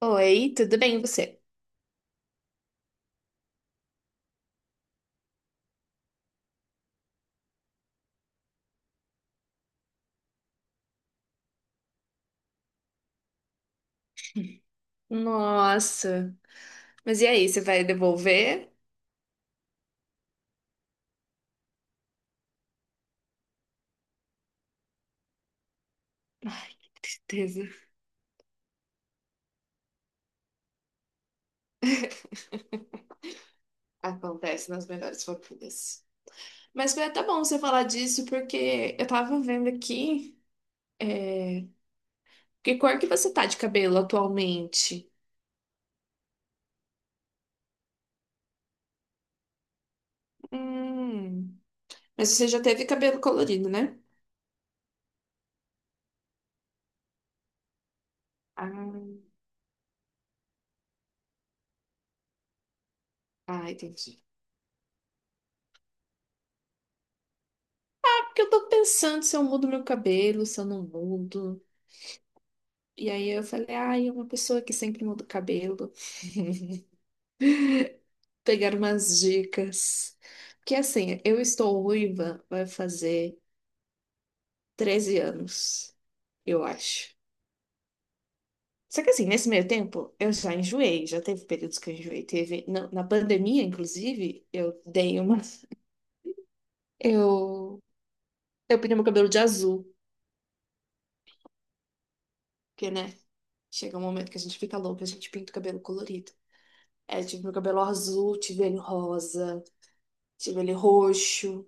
Oi, tudo bem e você? Nossa, mas e aí, você vai devolver? Ai, que tristeza. Acontece nas melhores famílias. Mas foi até bom você falar disso, porque eu tava vendo aqui. é, Que cor que você tá de cabelo atualmente? Hum, mas você já teve cabelo colorido, né? Ah, ah, entendi. É porque eu tô pensando se eu mudo meu cabelo, se eu não mudo. E aí eu falei, ai, é uma pessoa que sempre muda o cabelo. Pegar umas dicas. Porque assim, eu estou ruiva, vai fazer 13 anos, eu acho. Só que assim, nesse meio tempo, eu já enjoei, já teve períodos que eu enjoei. Teve, na pandemia, inclusive, eu dei uma. Eu, eu pintei meu cabelo de azul, porque, né? Chega um momento que a gente fica louca, a gente pinta o cabelo colorido. É, eu tive meu cabelo azul, tive ele rosa, tive ele roxo.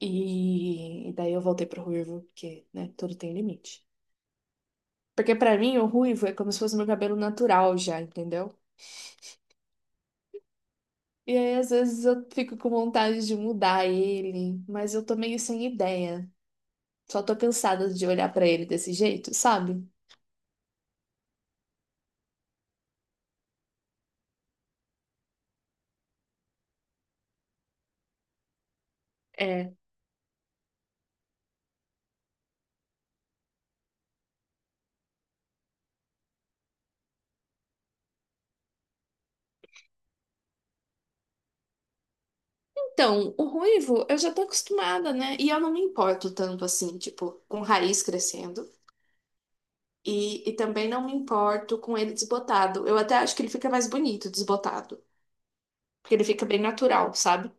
E daí eu voltei pro ruivo, porque, né, tudo tem limite. Porque pra mim o ruivo é como se fosse meu cabelo natural já, entendeu? E aí às vezes eu fico com vontade de mudar ele, mas eu tô meio sem ideia. Só tô cansada de olhar pra ele desse jeito, sabe? É. Então, o ruivo eu já tô acostumada, né? E eu não me importo tanto assim, tipo, com raiz crescendo. E também não me importo com ele desbotado. Eu até acho que ele fica mais bonito desbotado. Porque ele fica bem natural, sabe?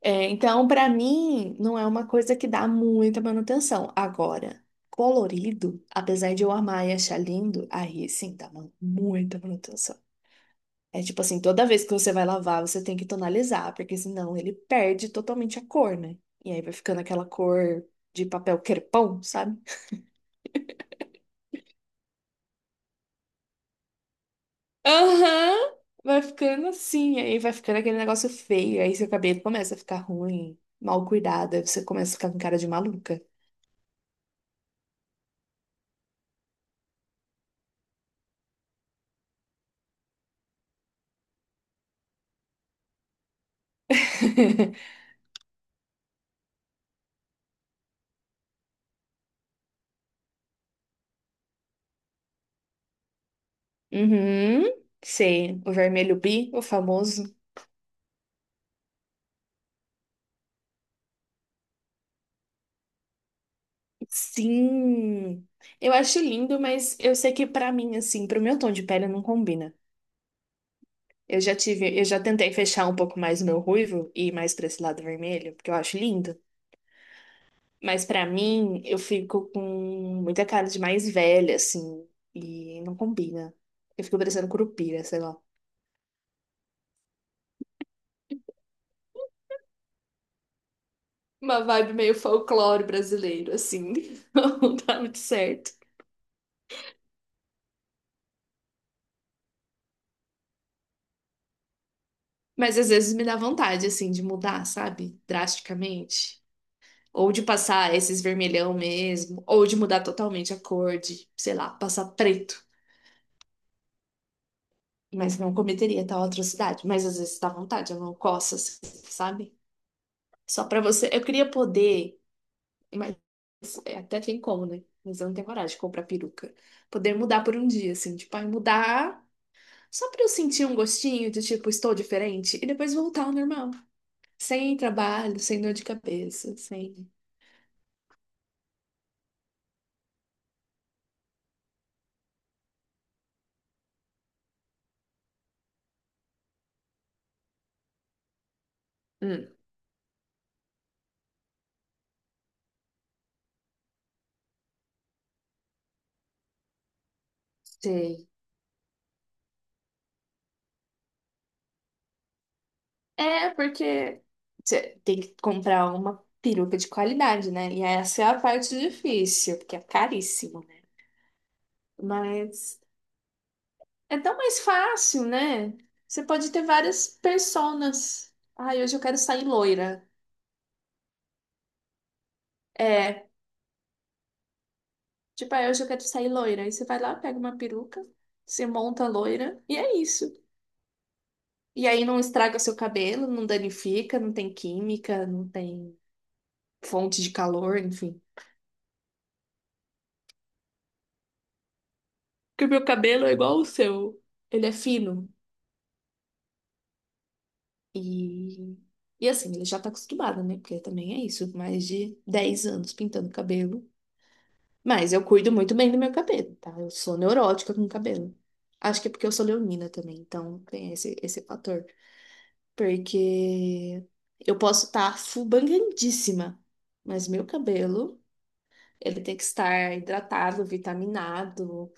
É, então, para mim, não é uma coisa que dá muita manutenção. Agora, colorido, apesar de eu amar e achar lindo, aí sim dá muita manutenção. É tipo assim, toda vez que você vai lavar, você tem que tonalizar, porque senão ele perde totalmente a cor, né? E aí vai ficando aquela cor de papel crepom, sabe? Aham! Vai ficando assim, aí vai ficando aquele negócio feio, aí seu cabelo começa a ficar ruim, mal cuidado, aí você começa a ficar com cara de maluca. Uhum, sei, o vermelho bi, o famoso. Sim, eu acho lindo, mas eu sei que pra mim, assim, pro meu tom de pele não combina. Eu já tentei fechar um pouco mais o meu ruivo e ir mais pra esse lado vermelho, porque eu acho lindo. Mas pra mim, eu fico com muita cara de mais velha, assim, e não combina. Eu fico parecendo curupira, sei lá. Uma vibe meio folclore brasileiro, assim. Não dá muito certo. Mas às vezes me dá vontade, assim, de mudar, sabe? Drasticamente. Ou de passar esses vermelhão mesmo. Ou de mudar totalmente a cor de, sei lá, passar preto. Mas não cometeria tal atrocidade. Mas às vezes dá vontade, a mão coça, assim, sabe? Só pra você. Eu queria poder. Mas é, até tem como, né? Mas eu não tenho coragem de comprar peruca. Poder mudar por um dia, assim. Tipo, ai, mudar. Só pra eu sentir um gostinho de tipo, estou diferente. E depois voltar ao normal. Sem trabalho, sem dor de cabeça, sem. Hum, sei. É, porque você tem que comprar uma peruca de qualidade, né? E essa é a parte difícil, porque é caríssimo, né? Mas é tão mais fácil, né? Você pode ter várias personas. Ai, hoje eu quero sair loira. É, tipo, ah, hoje eu quero sair loira. Aí você vai lá, pega uma peruca, você monta a loira, e é isso. E aí não estraga seu cabelo, não danifica, não tem química, não tem fonte de calor, enfim. Porque o meu cabelo é igual o seu. Ele é fino. E, e assim, ele já tá acostumado, né? Porque também é isso, mais de 10 anos pintando cabelo. Mas eu cuido muito bem do meu cabelo, tá? Eu sou neurótica com cabelo. Acho que é porque eu sou leonina também, então tem esse fator. Porque eu posso estar fubangadíssima, mas meu cabelo, ele tem que estar hidratado, vitaminado,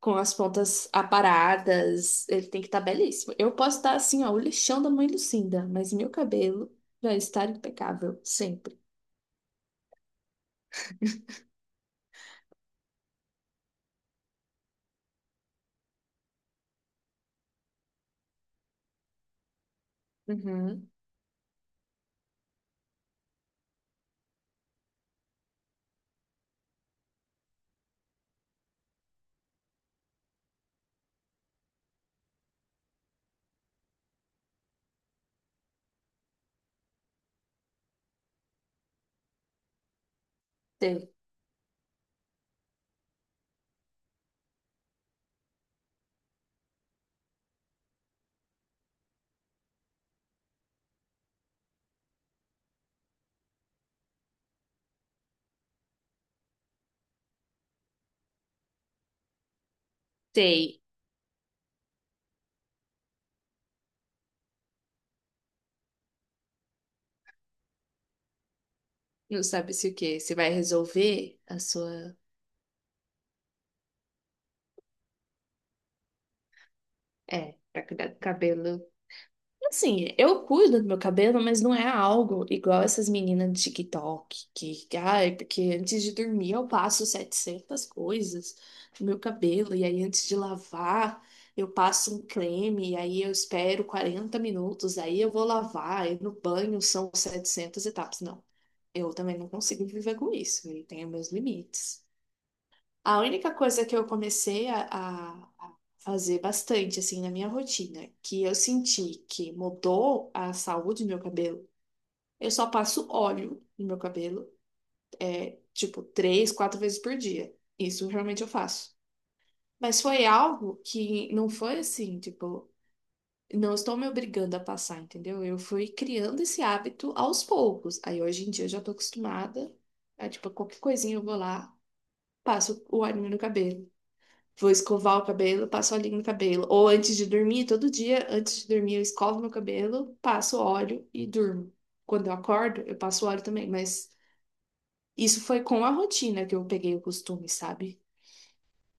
com as pontas aparadas. Ele tem que estar belíssimo. Eu posso estar assim, ó, o lixão da mãe Lucinda, mas meu cabelo vai estar impecável, sempre. Uhum. Sei. Sei. Não sabe se o quê? Você vai resolver a sua. É, pra cuidar do cabelo. Assim, eu cuido do meu cabelo, mas não é algo igual essas meninas de TikTok, que, ai, porque antes de dormir eu passo 700 coisas no meu cabelo, e aí antes de lavar eu passo um creme, e aí eu espero 40 minutos, aí eu vou lavar, e no banho são 700 etapas. Não, eu também não consigo viver com isso, eu tenho meus limites. A única coisa que eu comecei a fazer bastante, assim, na minha rotina, que eu senti que mudou a saúde do meu cabelo, eu só passo óleo no meu cabelo, tipo, 3, 4 vezes por dia. Isso realmente eu faço. Mas foi algo que não foi assim, tipo, não estou me obrigando a passar, entendeu? Eu fui criando esse hábito aos poucos. Aí hoje em dia eu já tô acostumada. Aí, tipo, qualquer coisinha eu vou lá, passo o óleo no cabelo. Vou escovar o cabelo, passo óleo no cabelo. Ou antes de dormir, todo dia, antes de dormir, eu escovo meu cabelo, passo óleo e durmo. Quando eu acordo, eu passo óleo também, mas isso foi com a rotina que eu peguei o costume, sabe?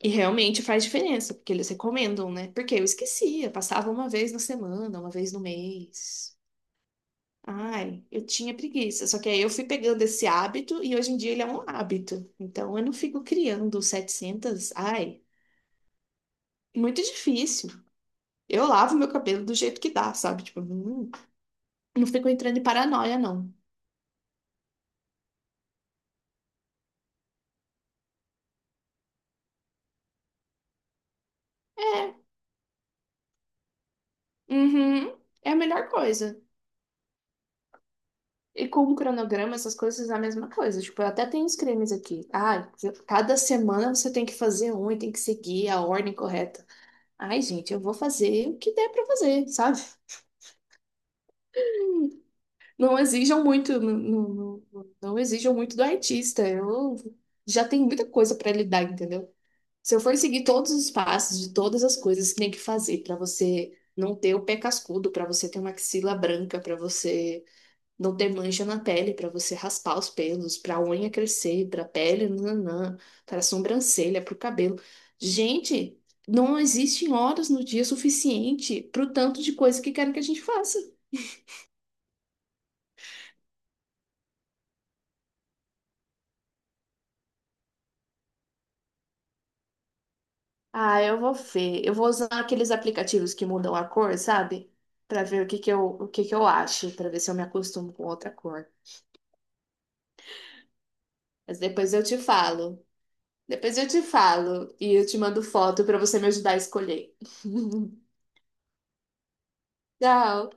E realmente faz diferença, porque eles recomendam, né? Porque eu esquecia, passava uma vez na semana, uma vez no mês. Ai, eu tinha preguiça. Só que aí eu fui pegando esse hábito e hoje em dia ele é um hábito. Então eu não fico criando 700. Ai, muito difícil. Eu lavo meu cabelo do jeito que dá, sabe? Tipo, não, não fico entrando em paranoia, não. É, uhum, é a melhor coisa. E com o cronograma, essas coisas é a mesma coisa. Tipo, eu até tenho os cremes aqui. Ah, cada semana você tem que fazer um e tem que seguir a ordem correta. Ai, gente, eu vou fazer o que der pra fazer, sabe? Não exijam muito, não, não, não não exijam muito do artista. Eu já tenho muita coisa pra lidar, entendeu? Se eu for seguir todos os passos de todas as coisas que tem que fazer pra você não ter o pé cascudo, pra você ter uma axila branca, pra você não ter mancha na pele, pra você raspar os pelos, pra unha crescer, pra pele, nananã, para sobrancelha, pro cabelo. Gente, não existem horas no dia suficiente pro tanto de coisa que querem que a gente faça. Ah, eu vou ver. Eu vou usar aqueles aplicativos que mudam a cor, sabe? Pra ver o que que eu acho, pra ver se eu me acostumo com outra cor. Mas depois eu te falo. Depois eu te falo e eu te mando foto para você me ajudar a escolher. Tchau.